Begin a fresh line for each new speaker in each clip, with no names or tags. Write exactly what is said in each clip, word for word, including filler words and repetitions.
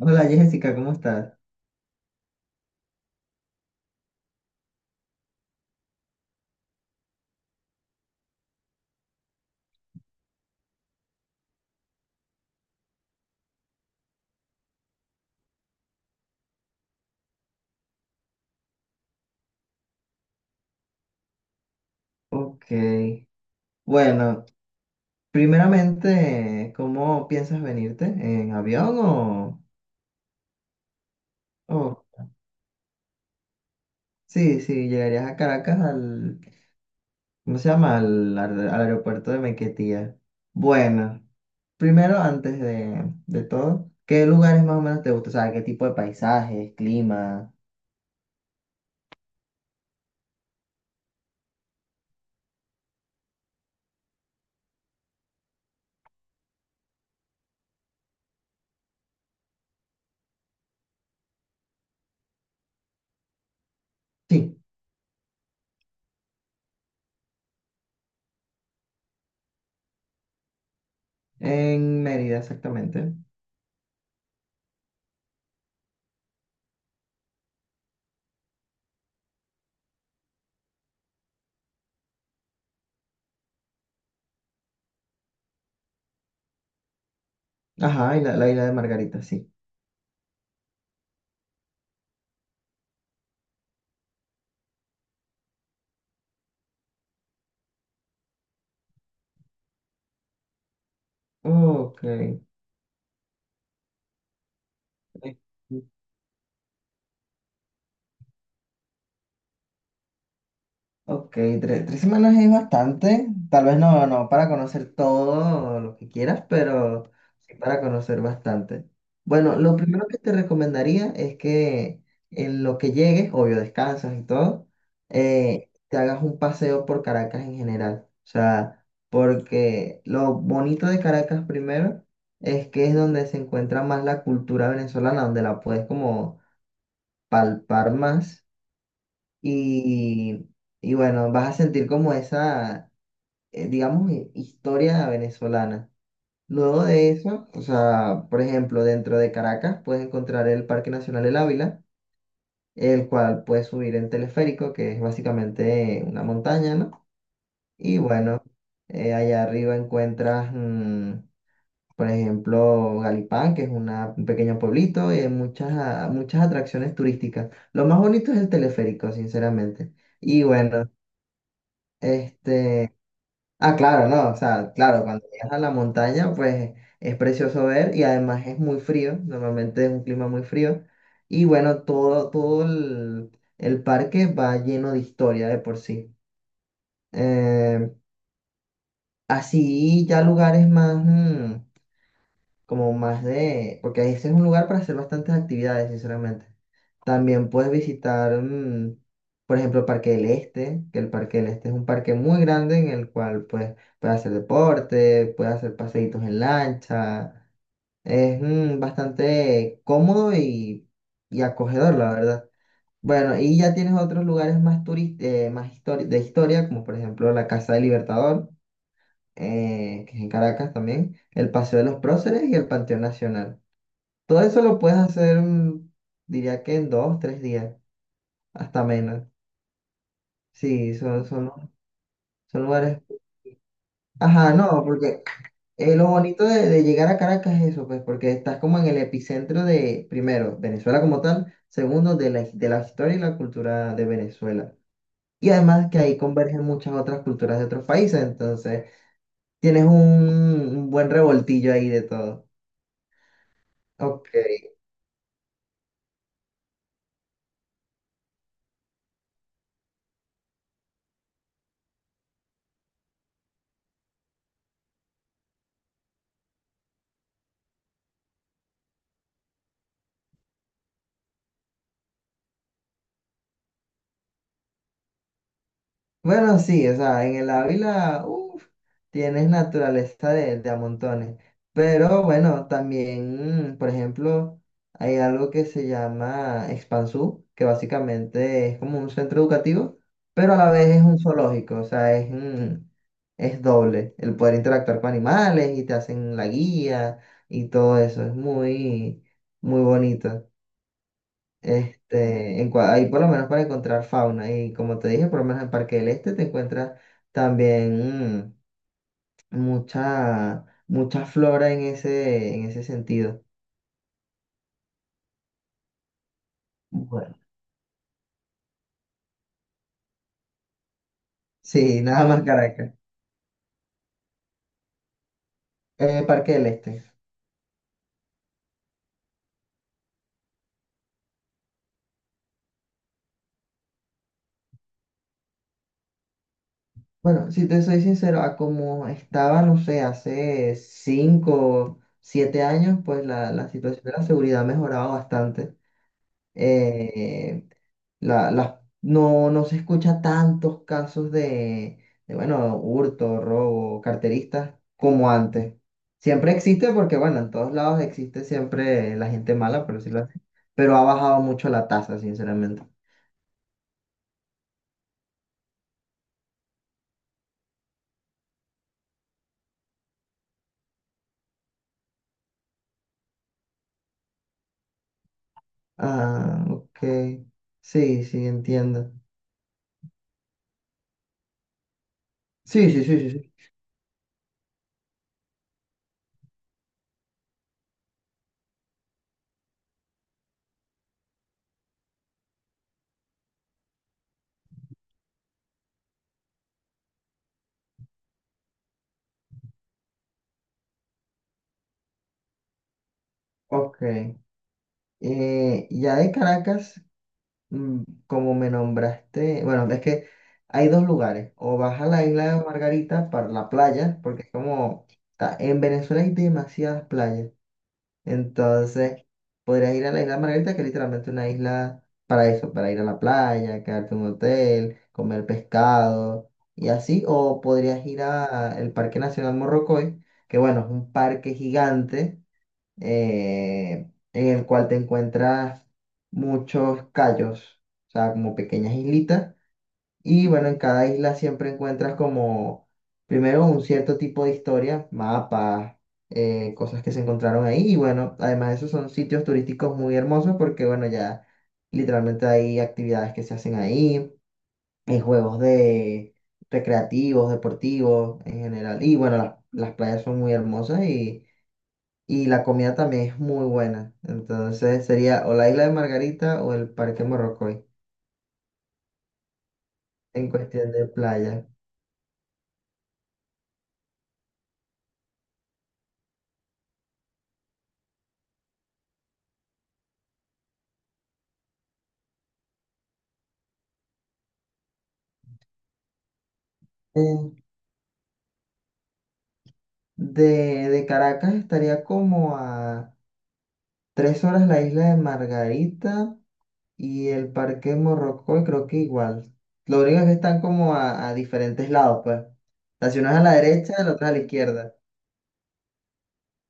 Hola Jessica, ¿cómo estás? Ok. Bueno, primeramente, ¿cómo piensas venirte? ¿En avión o...? o- sí, sí, llegarías a Caracas al... ¿Cómo se llama? Al, al- al aeropuerto de Maiquetía. Bueno, primero, antes de, de todo, ¿qué lugares más o menos te gustan? O sea, ¿qué tipo de paisajes, clima? Sí, en Mérida exactamente. Ajá, y la, la isla de Margarita, sí. Ok. Ok, tre- tres semanas es bastante. Tal vez no, no para conocer todo lo que quieras, pero sí para conocer bastante. Bueno, lo primero que te recomendaría es que en lo que llegues, obvio, descansas y todo, eh, te hagas un paseo por Caracas en general. O sea, porque lo bonito de Caracas primero es que es donde se encuentra más la cultura venezolana, donde la puedes como palpar más. Y, y bueno, vas a sentir como esa, eh, digamos, hi- historia venezolana. Luego de eso, o sea, por ejemplo, dentro de Caracas puedes encontrar el Parque Nacional El Ávila, el cual puedes subir en teleférico, que es básicamente una montaña, ¿no? Y bueno, eh, allá arriba encuentras, mm, por ejemplo, Galipán, que es una- un pequeño pueblito, y hay muchas, a- muchas atracciones turísticas. Lo más bonito es el teleférico, sinceramente. Y bueno, Este, ah, claro, no, o sea, claro, cuando llegas a la montaña, pues es precioso ver y además es muy frío, normalmente es un clima muy frío. Y bueno, todo, todo el, el parque va lleno de historia de por sí. Eh, Así ya lugares más, mm, como más de, porque ese es un lugar para hacer bastantes actividades, sinceramente. También puedes visitar, mm, por ejemplo, el Parque del Este, que el Parque del Este es un parque muy grande en el cual pues, puedes hacer deporte, puedes hacer paseitos en lancha. Es mm, bastante cómodo y, y acogedor, la verdad. Bueno, y ya tienes otros lugares más, turis- eh, más histori- de historia, como por ejemplo la Casa del Libertador, eh, que es en Caracas también, el Paseo de los Próceres y el Panteón Nacional. Todo eso lo puedes hacer, mm, diría que en dos, tres días, hasta menos. Sí, son, son, son lugares. Ajá, no, porque eh, lo bonito de, de llegar a Caracas es eso, pues, porque estás como en el epicentro de, primero, Venezuela como tal, segundo, de la, de la historia y la cultura de Venezuela. Y además que ahí convergen muchas otras culturas de otros países, entonces tienes un, un buen revoltillo ahí de todo. Ok. Bueno, sí, o sea, en el Ávila, uff, tienes naturaleza de, de a montones. Pero bueno, también, mm, por ejemplo, hay algo que se llama Expansú, que básicamente es como un centro educativo, pero a la vez es un zoológico, o sea, es, mm, es doble. El poder interactuar con animales y te hacen la guía y todo eso, es muy, muy bonito. Este, en cua- ahí por lo menos para encontrar fauna. Y como te dije, por lo menos en Parque del Este te encuentras también mm, mucha, mucha flora en ese, en ese sentido. Bueno, sí, nada más Caracas. Eh, Parque del Este. Bueno, si te soy sincero, a como estaba, no sé, hace cinco, siete años, pues la- la situación de la seguridad ha mejorado bastante. Eh, la, la- no, no se escucha tantos casos de, de, bueno, hurto, robo, carteristas como antes. Siempre existe porque, bueno, en todos lados existe siempre la gente mala, por decirlo así, pero ha bajado mucho la tasa, sinceramente. Ah, ok. Sí, sí, entiendo. Sí, sí, sí, sí, sí. Ok. Eh, ya de Caracas. Mm, como me nombraste, bueno, es que hay dos lugares, o vas a la isla de Margarita para la playa, porque es como, ta- en Venezuela hay demasiadas playas, entonces podrías ir a la isla de Margarita, que es literalmente una isla para eso, para ir a la playa, quedarte en un hotel, comer pescado y así, o podrías ir al Parque Nacional Morrocoy, que bueno, es un parque gigante eh, en el cual te encuentras muchos cayos, o sea, como pequeñas islitas. Y bueno, en cada isla siempre encuentras como, primero, un cierto tipo de historia, mapas, eh, cosas que se encontraron ahí. Y bueno, además de eso son sitios turísticos muy hermosos porque bueno, ya literalmente hay actividades que se hacen ahí, hay juegos de recreativos, deportivos en general. Y bueno, las, las playas son muy hermosas y la comida también es muy buena. Entonces sería o la isla de Margarita o el Parque Morrocoy en cuestión de playa. En- de, de Caracas estaría como a tres horas la isla de Margarita y el Parque Morrocoy creo que igual. Lo único es que están como a, a diferentes lados, pues. La ciudad es a la derecha, la otra es a la izquierda.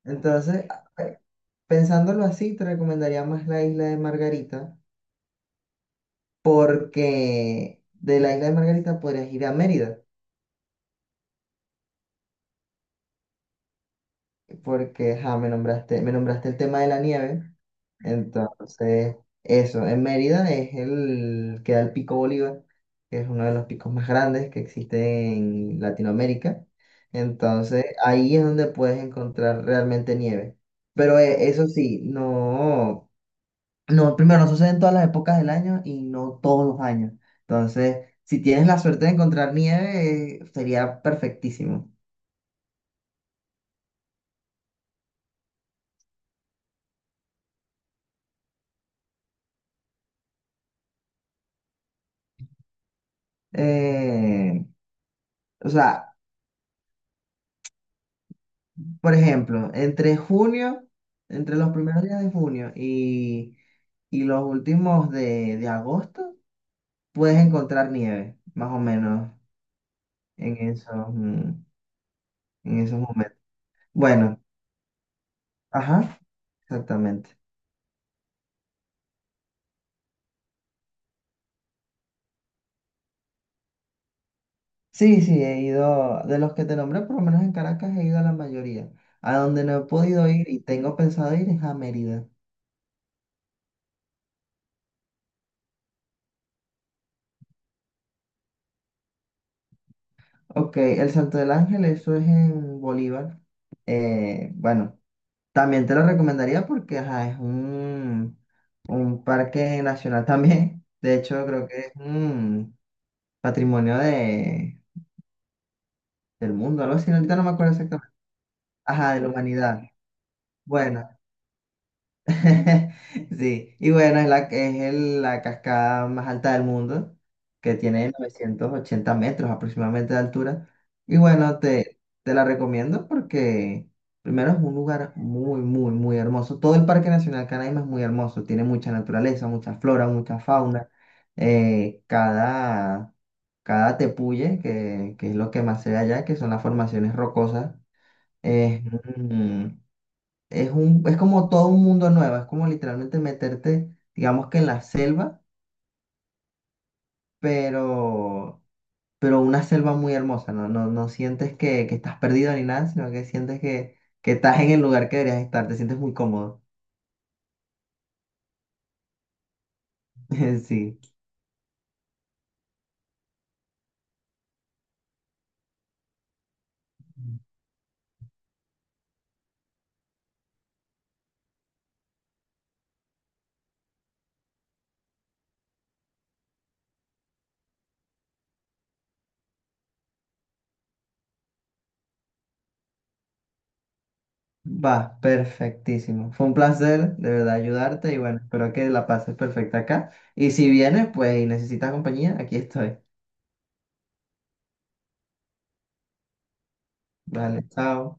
Entonces, a- eh, pensándolo así, te recomendaría más la isla de Margarita porque de la isla de Margarita podrías ir a Mérida. Porque ja, me nombraste, me nombraste el tema de la nieve. Entonces, eso, en Mérida es el queda el Pico Bolívar, que es uno de los picos más grandes que existe en Latinoamérica. Entonces, ahí es donde puedes encontrar realmente nieve. Pero eh, eso sí, no, no, primero, no sucede en todas las épocas del año y no todos los años. Entonces, si tienes la suerte de encontrar nieve, eh, sería perfectísimo. Eh, o sea, por ejemplo, entre junio, entre los primeros días de junio y, y los últimos de, de agosto, puedes encontrar nieve, más o menos, en esos, mm, en esos momentos. Bueno, ajá, exactamente. Sí, sí, he ido, de los que te nombré, por lo menos en Caracas he ido a la mayoría. A donde no he podido ir y tengo pensado ir es a Mérida. Ok, el Salto del Ángel, eso es en Bolívar. Eh, bueno. También te lo recomendaría porque ajá, es un, un parque nacional también. De hecho, creo que es un patrimonio de, del mundo, algo así. Ahorita no me acuerdo exactamente. Ajá, de la humanidad. Bueno. Sí, y bueno, es la, es el- la cascada más alta del mundo, que tiene novecientos ochenta metros aproximadamente de altura. Y bueno, te, te la recomiendo porque primero es un lugar muy, muy, muy hermoso. Todo el Parque Nacional Canaima es muy hermoso, tiene mucha naturaleza, mucha flora, mucha fauna. Eh, cada, cada tepuye, que, que es lo que más se ve allá, que son las formaciones rocosas, es, es un, es como todo un mundo nuevo, es como literalmente meterte, digamos que en la selva, pero, pero una selva muy hermosa, no, no, no sientes que, que estás perdido ni nada, sino que sientes que, que estás en el lugar que deberías estar, te sientes muy cómodo. Sí, va, perfectísimo. Fue un placer de verdad ayudarte y bueno, espero que la pases perfecta acá. Y si vienes, pues y necesitas compañía, aquí estoy. Vale, chao.